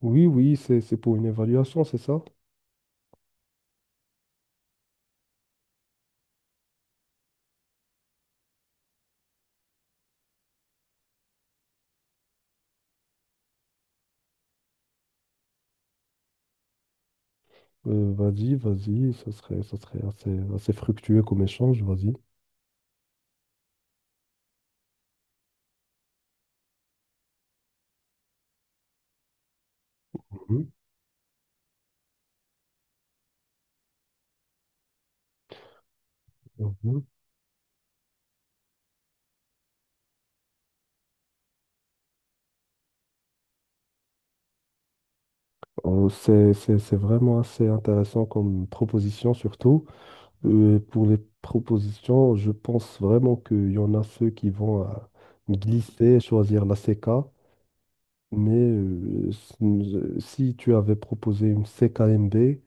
Oui, oui, c'est pour une évaluation, c'est ça? Vas-y, vas-y, ça serait assez fructueux comme échange, vas-y. Mhm, mhm. C'est vraiment assez intéressant comme proposition, surtout. Pour les propositions, je pense vraiment qu'il y en a ceux qui vont glisser, choisir la CK, mais si tu avais proposé une CKMB,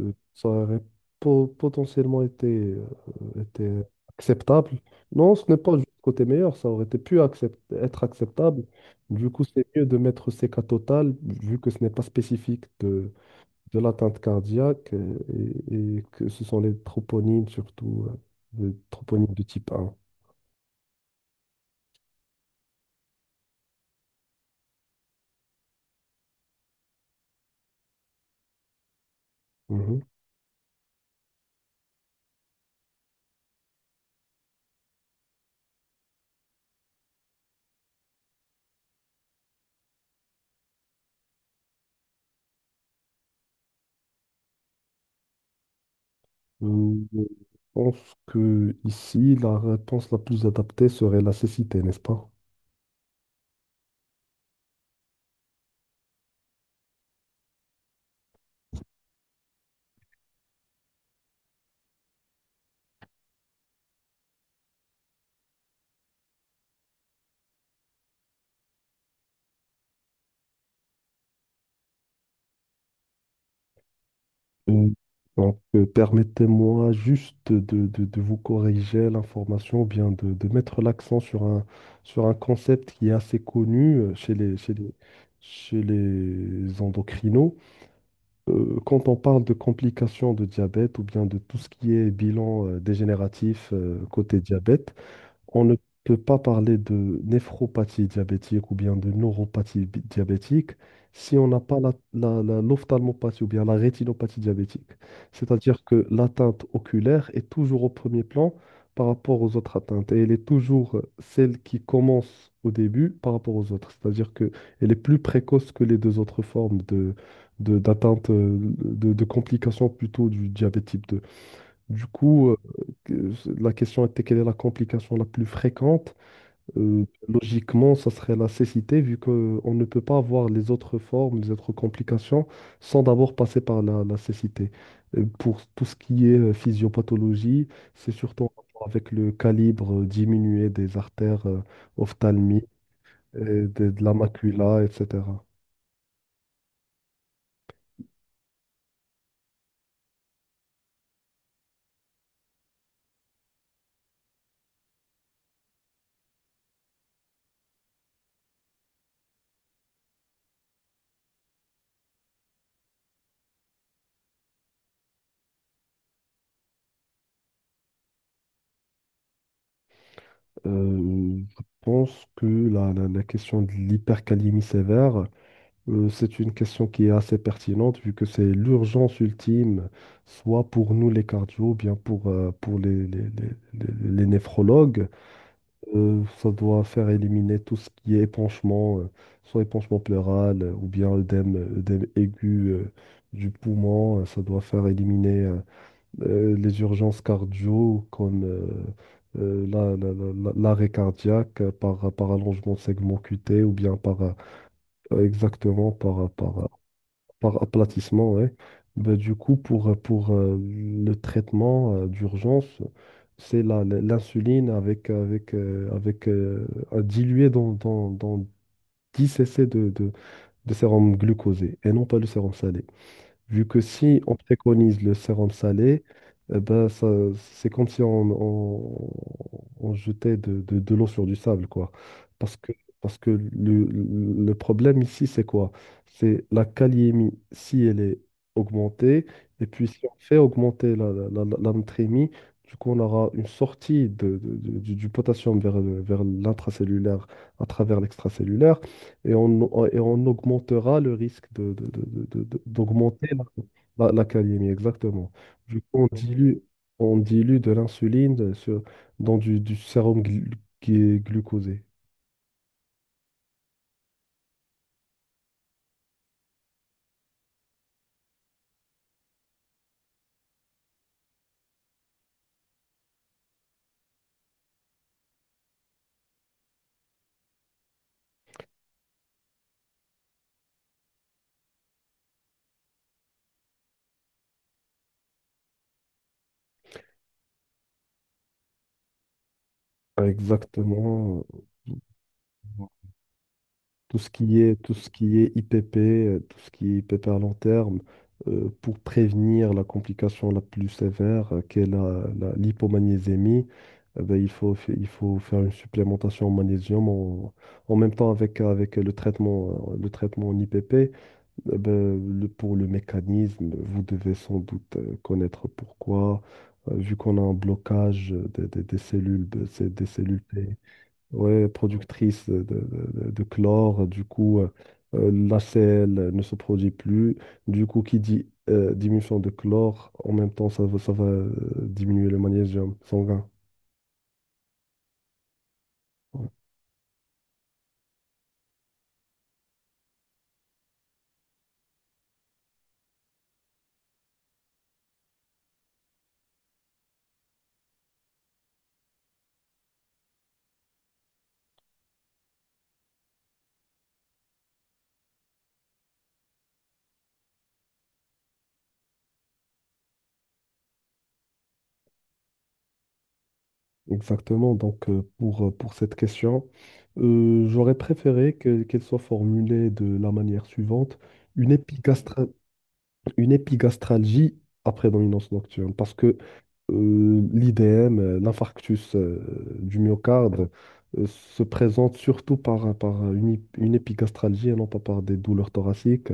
ça aurait potentiellement été acceptable. Non, ce n'est pas juste côté meilleur, ça aurait été pu accept être acceptable. Du coup, c'est mieux de mettre CK total, vu que ce n'est pas spécifique de l'atteinte cardiaque, et que ce sont les troponines, surtout les troponines de type 1. Mhm. Je pense que ici, la réponse la plus adaptée serait la cécité, n'est-ce pas? Euh, Donc, permettez-moi juste de vous corriger l'information, ou bien de mettre l'accent sur sur un concept qui est assez connu chez les endocrinos. Quand on parle de complications de diabète ou bien de tout ce qui est bilan, dégénératif, côté diabète, on ne peut pas parler de néphropathie diabétique ou bien de neuropathie diabétique si on n'a pas l'ophtalmopathie ou bien la rétinopathie diabétique. C'est-à-dire que l'atteinte oculaire est toujours au premier plan par rapport aux autres atteintes et elle est toujours celle qui commence au début par rapport aux autres. C'est-à-dire que elle est plus précoce que les deux autres formes d'atteinte, de complications plutôt du diabète type 2. Du coup, que- la question était quelle est la complication la plus fréquente? Logiquement, ça serait la cécité, vu qu'on ne peut pas avoir les autres formes, les autres complications, sans d'abord passer par la cécité. Pour tout ce qui est physiopathologie, c'est surtout en rapport avec le calibre, diminué des artères, ophtalmiques et de la macula, etc. Je pense que la question de l'hypercalémie sévère, c'est une question qui est assez pertinente vu que c'est l'urgence ultime, soit pour nous les cardio, ou bien pour les néphrologues. Ça doit faire éliminer tout ce qui est épanchement, soit épanchement pleural, ou bien œdème aigu du poumon. Ça doit faire éliminer les urgences cardio comme l'arrêt cardiaque par allongement de segment cuté ou bien exactement par aplatissement, ouais. Bah, du coup, pour le traitement d'urgence, c'est l'insuline avec, avec, avec à diluer dans 10 cc de sérum glucosé et non pas le sérum salé. Vu que si on préconise le sérum salé, eh ben ça, c'est comme si on jetait de l'eau sur du sable, quoi. Parce que, Parce que le problème ici, c'est quoi? C'est la kaliémie, si elle est augmentée, et puis si on fait augmenter la natrémie, du coup, on aura une sortie du potassium vers l'intracellulaire à travers l'extracellulaire et on augmentera le risque d'augmenter la calémie, exactement. Du coup, on dilue de l'insuline dans du sérum qui est glucosé. Exactement. Euh, tout ce qui est, tout ce qui est IPP, tout ce qui est IPP à long terme, pour prévenir la complication la plus sévère, qui est l'hypomagnésémie, eh ben, il faut faire une supplémentation en magnésium en même temps avec le traitement en IPP. Eh ben, pour le mécanisme, vous devez sans doute connaître pourquoi, vu qu'on a un blocage des cellules, des cellules T. Ouais, productrice de chlore, du coup, la selle ne se produit plus. Du coup, qui dit diminution de chlore, en même temps, ça va diminuer le magnésium sanguin. Ouais, exactement. Donc, pour cette question, j'aurais préféré qu'elle soit formulée de la manière suivante, une épigastra- une épigastralgie après dominance nocturne. Parce que l'IDM, l'infarctus, du myocarde, se présente surtout par une épigastralgie et non pas par des douleurs thoraciques.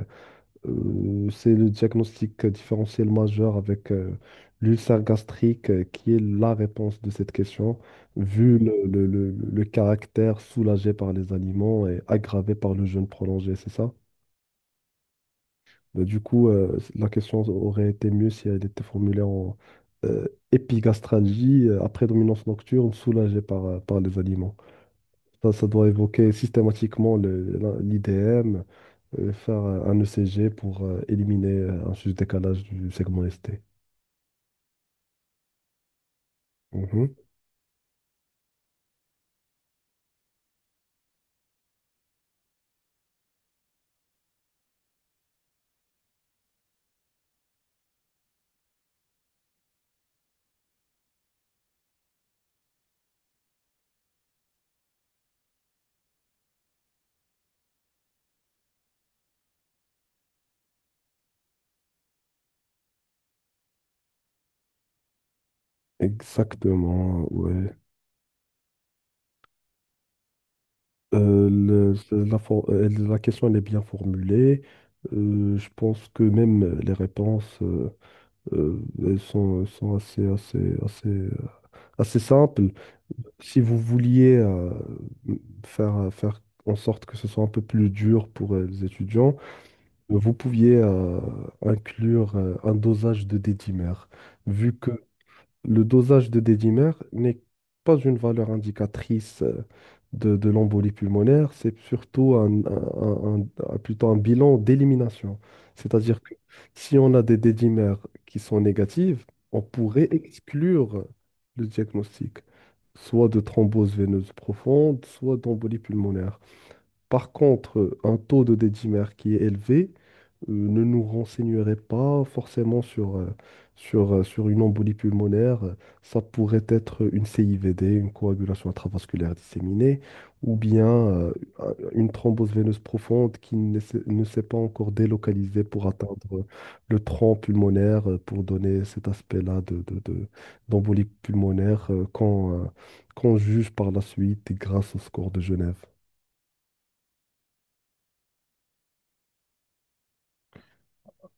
C'est le diagnostic différentiel majeur avec l'ulcère gastrique, qui est la réponse de cette question, vu le caractère soulagé par les aliments et aggravé par le jeûne prolongé, c'est ça? Bah, du coup, la question aurait été mieux si elle était formulée en euh, épigastralgie, à prédominance nocturne, soulagée par les aliments. Ça doit évoquer systématiquement l'IDM, faire un ECG pour éliminer un juste décalage du segment ST. Mhm. Exactement, ouais. La question, elle est bien formulée. Je pense que même les réponses, elles sont assez simple. Si vous vouliez faire en sorte que ce soit un peu plus dur pour les étudiants, vous pouviez inclure un dosage de dédimère, vu que le dosage de dédimère n'est pas une valeur indicatrice de l'embolie pulmonaire, c'est surtout plutôt un bilan d'élimination. C'est-à-dire que si on a des dédimères qui sont négatives, on pourrait exclure le diagnostic, soit de thrombose veineuse profonde, soit d'embolie pulmonaire. Par contre, un taux de dédimère qui est élevé ne nous renseignerait pas forcément sur une embolie pulmonaire. Ça pourrait être une CIVD, une coagulation intravasculaire disséminée, ou bien une thrombose veineuse profonde qui ne s'est pas encore délocalisée pour atteindre le tronc pulmonaire, pour donner cet aspect-là d'embolie pulmonaire qu'on juge par la suite grâce au score de Genève.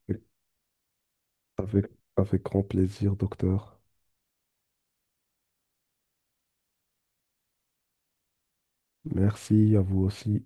Oui. Avec, Avec grand plaisir, docteur. Merci à vous aussi.